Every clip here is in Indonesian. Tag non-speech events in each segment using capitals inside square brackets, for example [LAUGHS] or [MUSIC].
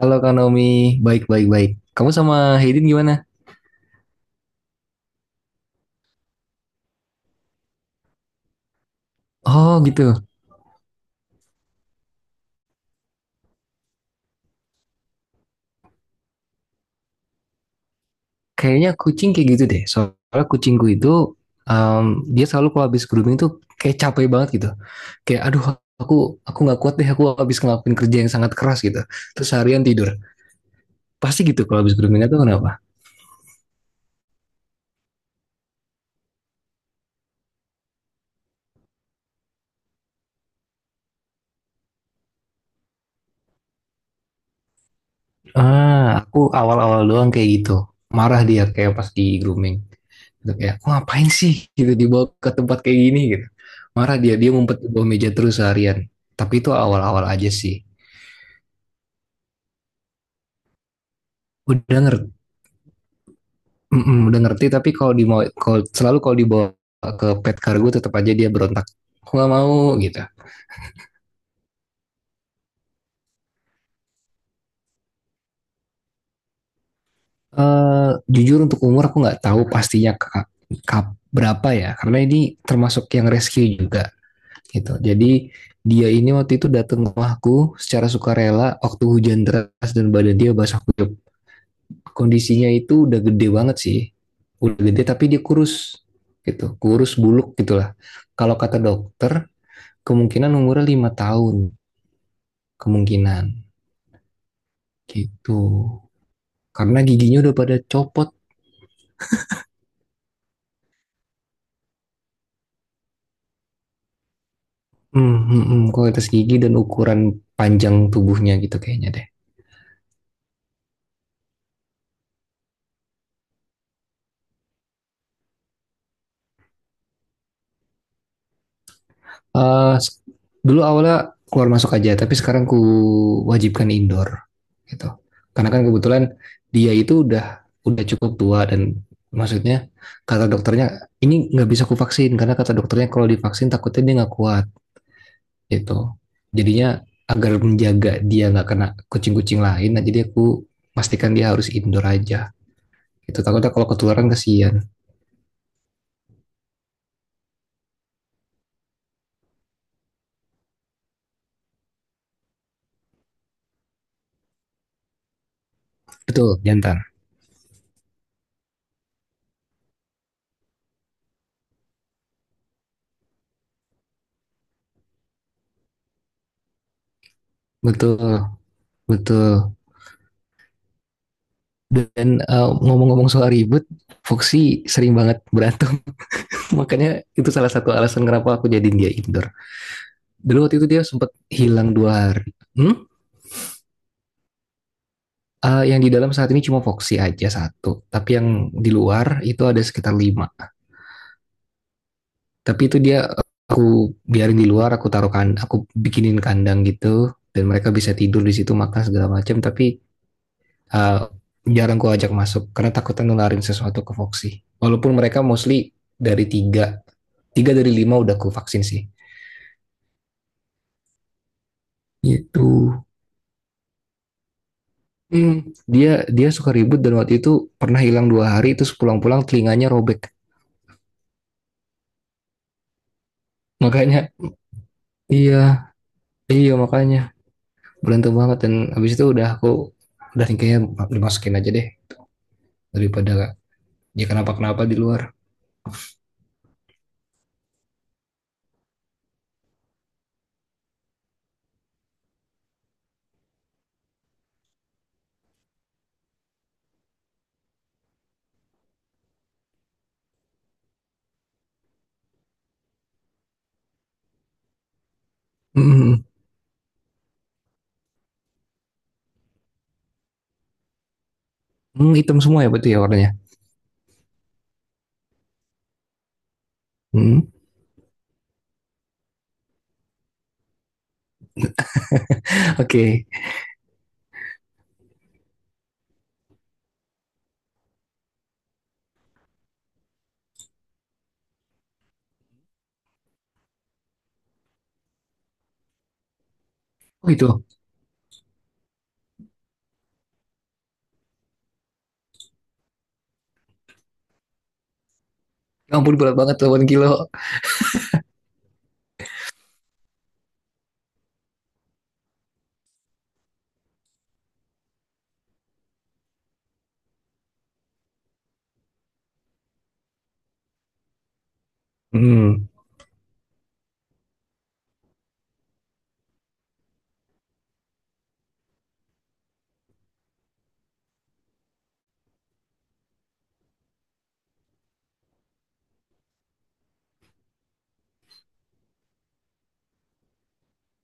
Halo Kak Naomi, baik baik baik. Kamu sama Haydin gimana? Oh gitu. Kayaknya kucing kayak gitu deh. Soalnya kucingku itu em, dia selalu kalau habis grooming tuh kayak capek banget gitu. Kayak aduh aku aku nggak kuat deh, aku habis ngelakuin kerja yang sangat keras gitu. Terus seharian tidur. Pasti gitu kalau habis grooming tuh, kenapa? Ah, aku awal-awal doang kayak gitu. Marah dia kayak pas di grooming. Gitu, kayak, aku ngapain sih gitu dibawa ke tempat kayak gini gitu. Marah dia, dia ngumpet di bawah meja terus seharian. Tapi itu awal-awal aja sih. Udah ngerti, udah ngerti, tapi kalau di kalau selalu kalau dibawa ke pet kargo tetap aja dia berontak. Aku nggak mau gitu. Eh, jujur untuk umur aku nggak tahu pastinya, Kak, berapa ya, karena ini termasuk yang rescue juga gitu. Jadi dia ini waktu itu datang ke rumahku secara sukarela waktu hujan deras dan badan dia basah kuyup. Kondisinya itu udah gede banget sih. Udah gede tapi dia kurus gitu. Kurus buluk gitulah. Kalau kata dokter, kemungkinan umurnya 5 tahun, kemungkinan gitu. Karena giginya udah pada copot. Hmm, hmm, hmm, kualitas gigi dan ukuran panjang tubuhnya gitu kayaknya deh. Eh, dulu awalnya keluar masuk aja, tapi sekarang ku wajibkan indoor gitu. Karena kan kebetulan dia itu udah cukup tua dan maksudnya kata dokternya, ini nggak bisa ku vaksin karena kata dokternya kalau divaksin takutnya dia nggak kuat gitu. Jadinya agar menjaga dia nggak kena kucing-kucing lain, nah jadi aku pastikan dia harus indoor aja. Itu takutnya kalau ketularan kasihan. Betul, jantan. Betul, betul. Dan ngomong-ngomong soal ribut, Foxy sering banget berantem. [LAUGHS] Makanya itu salah satu alasan kenapa aku jadiin dia indoor. Dulu waktu itu dia sempat hilang 2 hari. Hmm? Yang di dalam saat ini cuma Foxy aja satu. Tapi yang di luar itu ada sekitar lima. Tapi itu dia, aku biarin di luar, aku taruh kan, aku bikinin kandang gitu. Dan mereka bisa tidur di situ, makan segala macam. Tapi uh, jarang aku ajak masuk karena takut nularin sesuatu ke Foxy. Walaupun mereka mostly dari tiga tiga dari lima udah ku vaksin sih. Itu hmm. dia dia suka ribut, dan waktu itu pernah hilang 2 hari terus pulang-pulang telinganya robek, makanya iya, iya, makanya berantem banget. Dan habis itu, udah nih kayaknya dimasukin aja deh, daripada dia kenapa-kenapa di luar. hmm. Hmm, hitam semua ya, betul ya warnanya. hmm. Oke, okay. Oh, itu ya ampun, berat banget 8 kilo. hmm.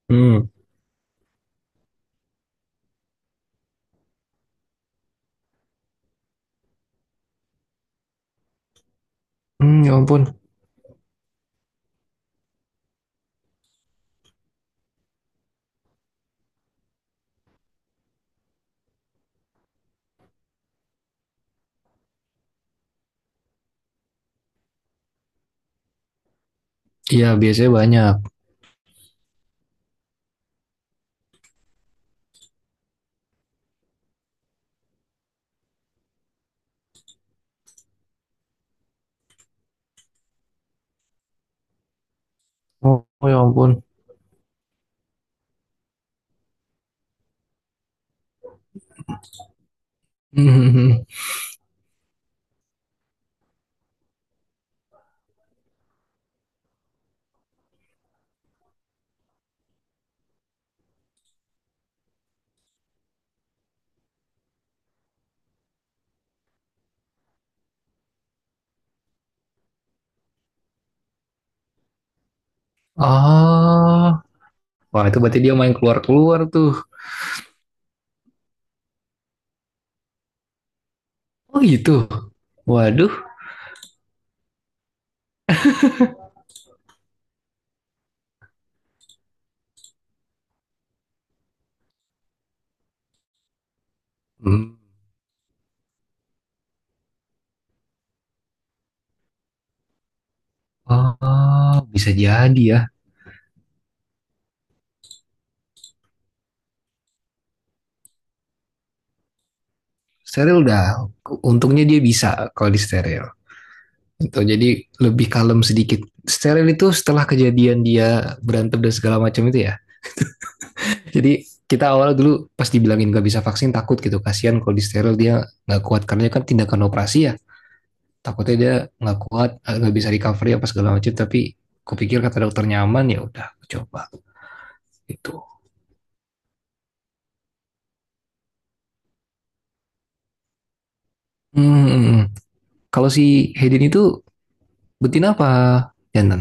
Hmm. Hmm, ya ampun. Iya, biasanya banyak. Oh, oh ya ampun. [LAUGHS] Hmm. Ah. Wah, itu berarti dia main keluar-keluar tuh. Oh gitu. Waduh. Hmm. Oh, bisa jadi ya. Steril udah. Untungnya dia bisa kalau di steril. Itu jadi lebih kalem sedikit. Steril itu setelah kejadian dia berantem dan segala macam itu ya. Jadi kita awal dulu pas dibilangin gak bisa vaksin, takut gitu. Kasihan kalau di steril dia nggak kuat karena kan tindakan operasi ya. Takutnya dia nggak kuat, eh, nggak bisa recovery apa segala macam. Tapi kupikir kata dokter nyaman, ya udah, coba gitu. Hmm, hmm, hmm. Kalau si Hayden itu betina apa jantan?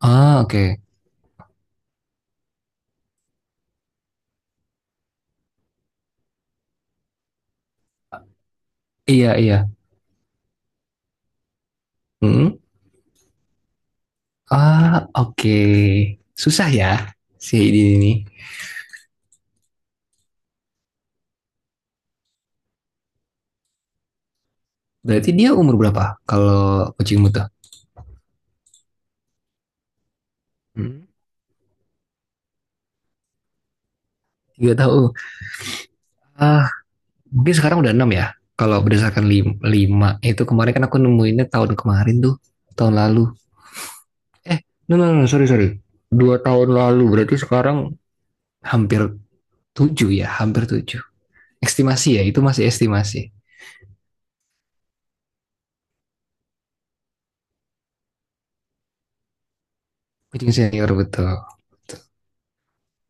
Ah, oke. Okay. Iya, iya. Hmm? Ah, oke. Okay. Susah ya si Hayden ini. Berarti dia umur berapa kalau kucing muta? Hmm. Gak tahu. Ah, mungkin sekarang udah 6 ya. Kalau berdasarkan lima, lima. Eh, itu kemarin kan aku nemuinnya tahun kemarin tuh, tahun lalu. Eh, no, no, no, no, sorry, sorry. 2 tahun lalu berarti sekarang hampir 7 ya, hampir 7. Estimasi ya, itu masih estimasi. Kucing senior, betul.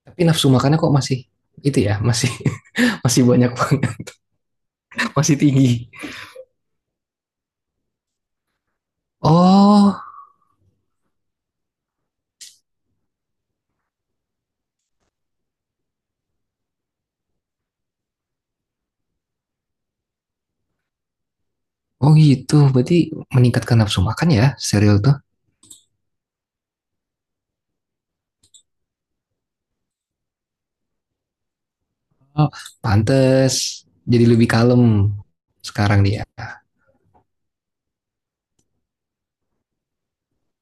Tapi nafsu makannya kok masih itu ya, masih [LAUGHS] masih banyak banget, masih tinggi. Oh, oh gitu. Berarti meningkatkan nafsu makan ya serial tuh. Oh, pantes jadi lebih kalem sekarang dia.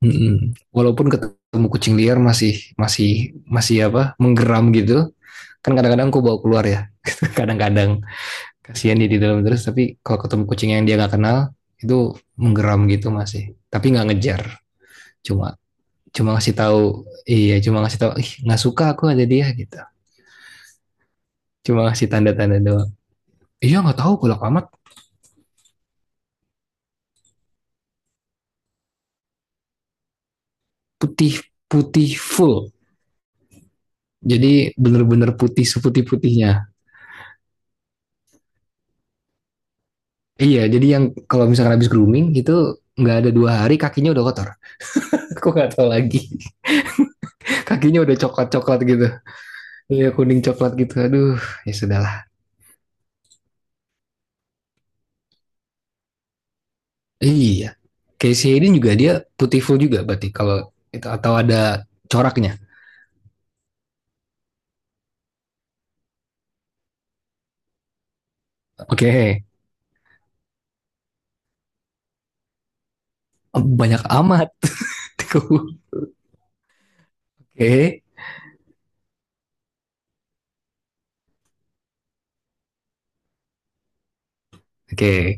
Mm-mm. Walaupun ketemu kucing liar masih masih masih apa? Menggeram gitu. Kan kadang-kadang aku bawa keluar ya. [LAUGHS] Kadang-kadang kasihan dia di dalam terus, tapi kalau ketemu kucing yang dia nggak kenal itu menggeram gitu masih. Tapi nggak ngejar. Cuma cuma ngasih tahu, iya cuma ngasih tahu, ih nggak suka aku ada dia gitu, cuma ngasih tanda-tanda doang, iya nggak tahu kalau amat. Putih Putih full, jadi bener-bener putih, seputih putihnya. Iya, jadi yang kalau misalkan habis grooming itu nggak ada 2 hari kakinya udah kotor. [LAUGHS] Aku nggak tahu lagi. [LAUGHS] Kakinya udah coklat coklat gitu. Iya kuning coklat gitu, aduh, ya sudahlah. Iya Casey Hayden juga dia putih full juga, berarti, kalau itu atau ada coraknya. Oke, okay. Banyak amat. [LAUGHS] Oke, okay. Oke.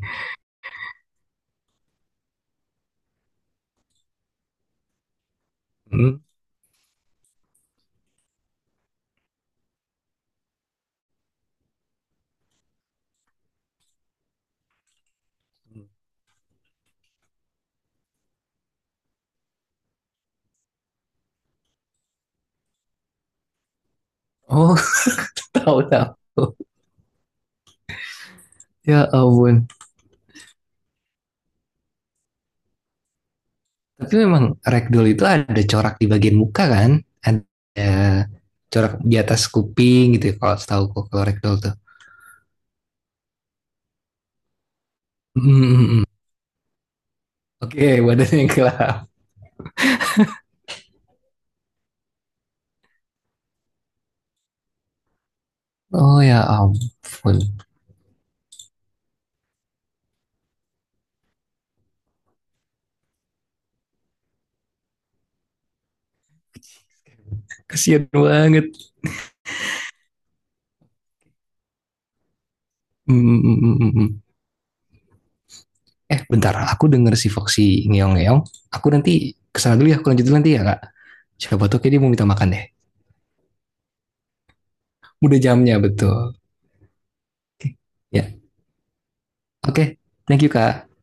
Hmm. Oh, [LAUGHS] tahu, tahu. Ya ampun. Tapi memang ragdoll itu ada corak di bagian muka kan? Ada corak di atas kuping gitu ya, kalau setahu kok kalau ragdoll tuh. Hmm, hmm, hmm, hmm. Oke, badannya gelap. Oh ya ampun. Kasian banget. Hmm, hmm, hmm, hmm, hmm, hmm. Eh, bentar. Aku denger si Foxy ngeong-ngeong. Aku nanti kesana dulu ya. Aku lanjut dulu nanti ya, Kak. Siapa tuh, kayak dia mau minta makan deh. Udah jamnya, betul. Oke. Ya. Oke. Thank you, Kak.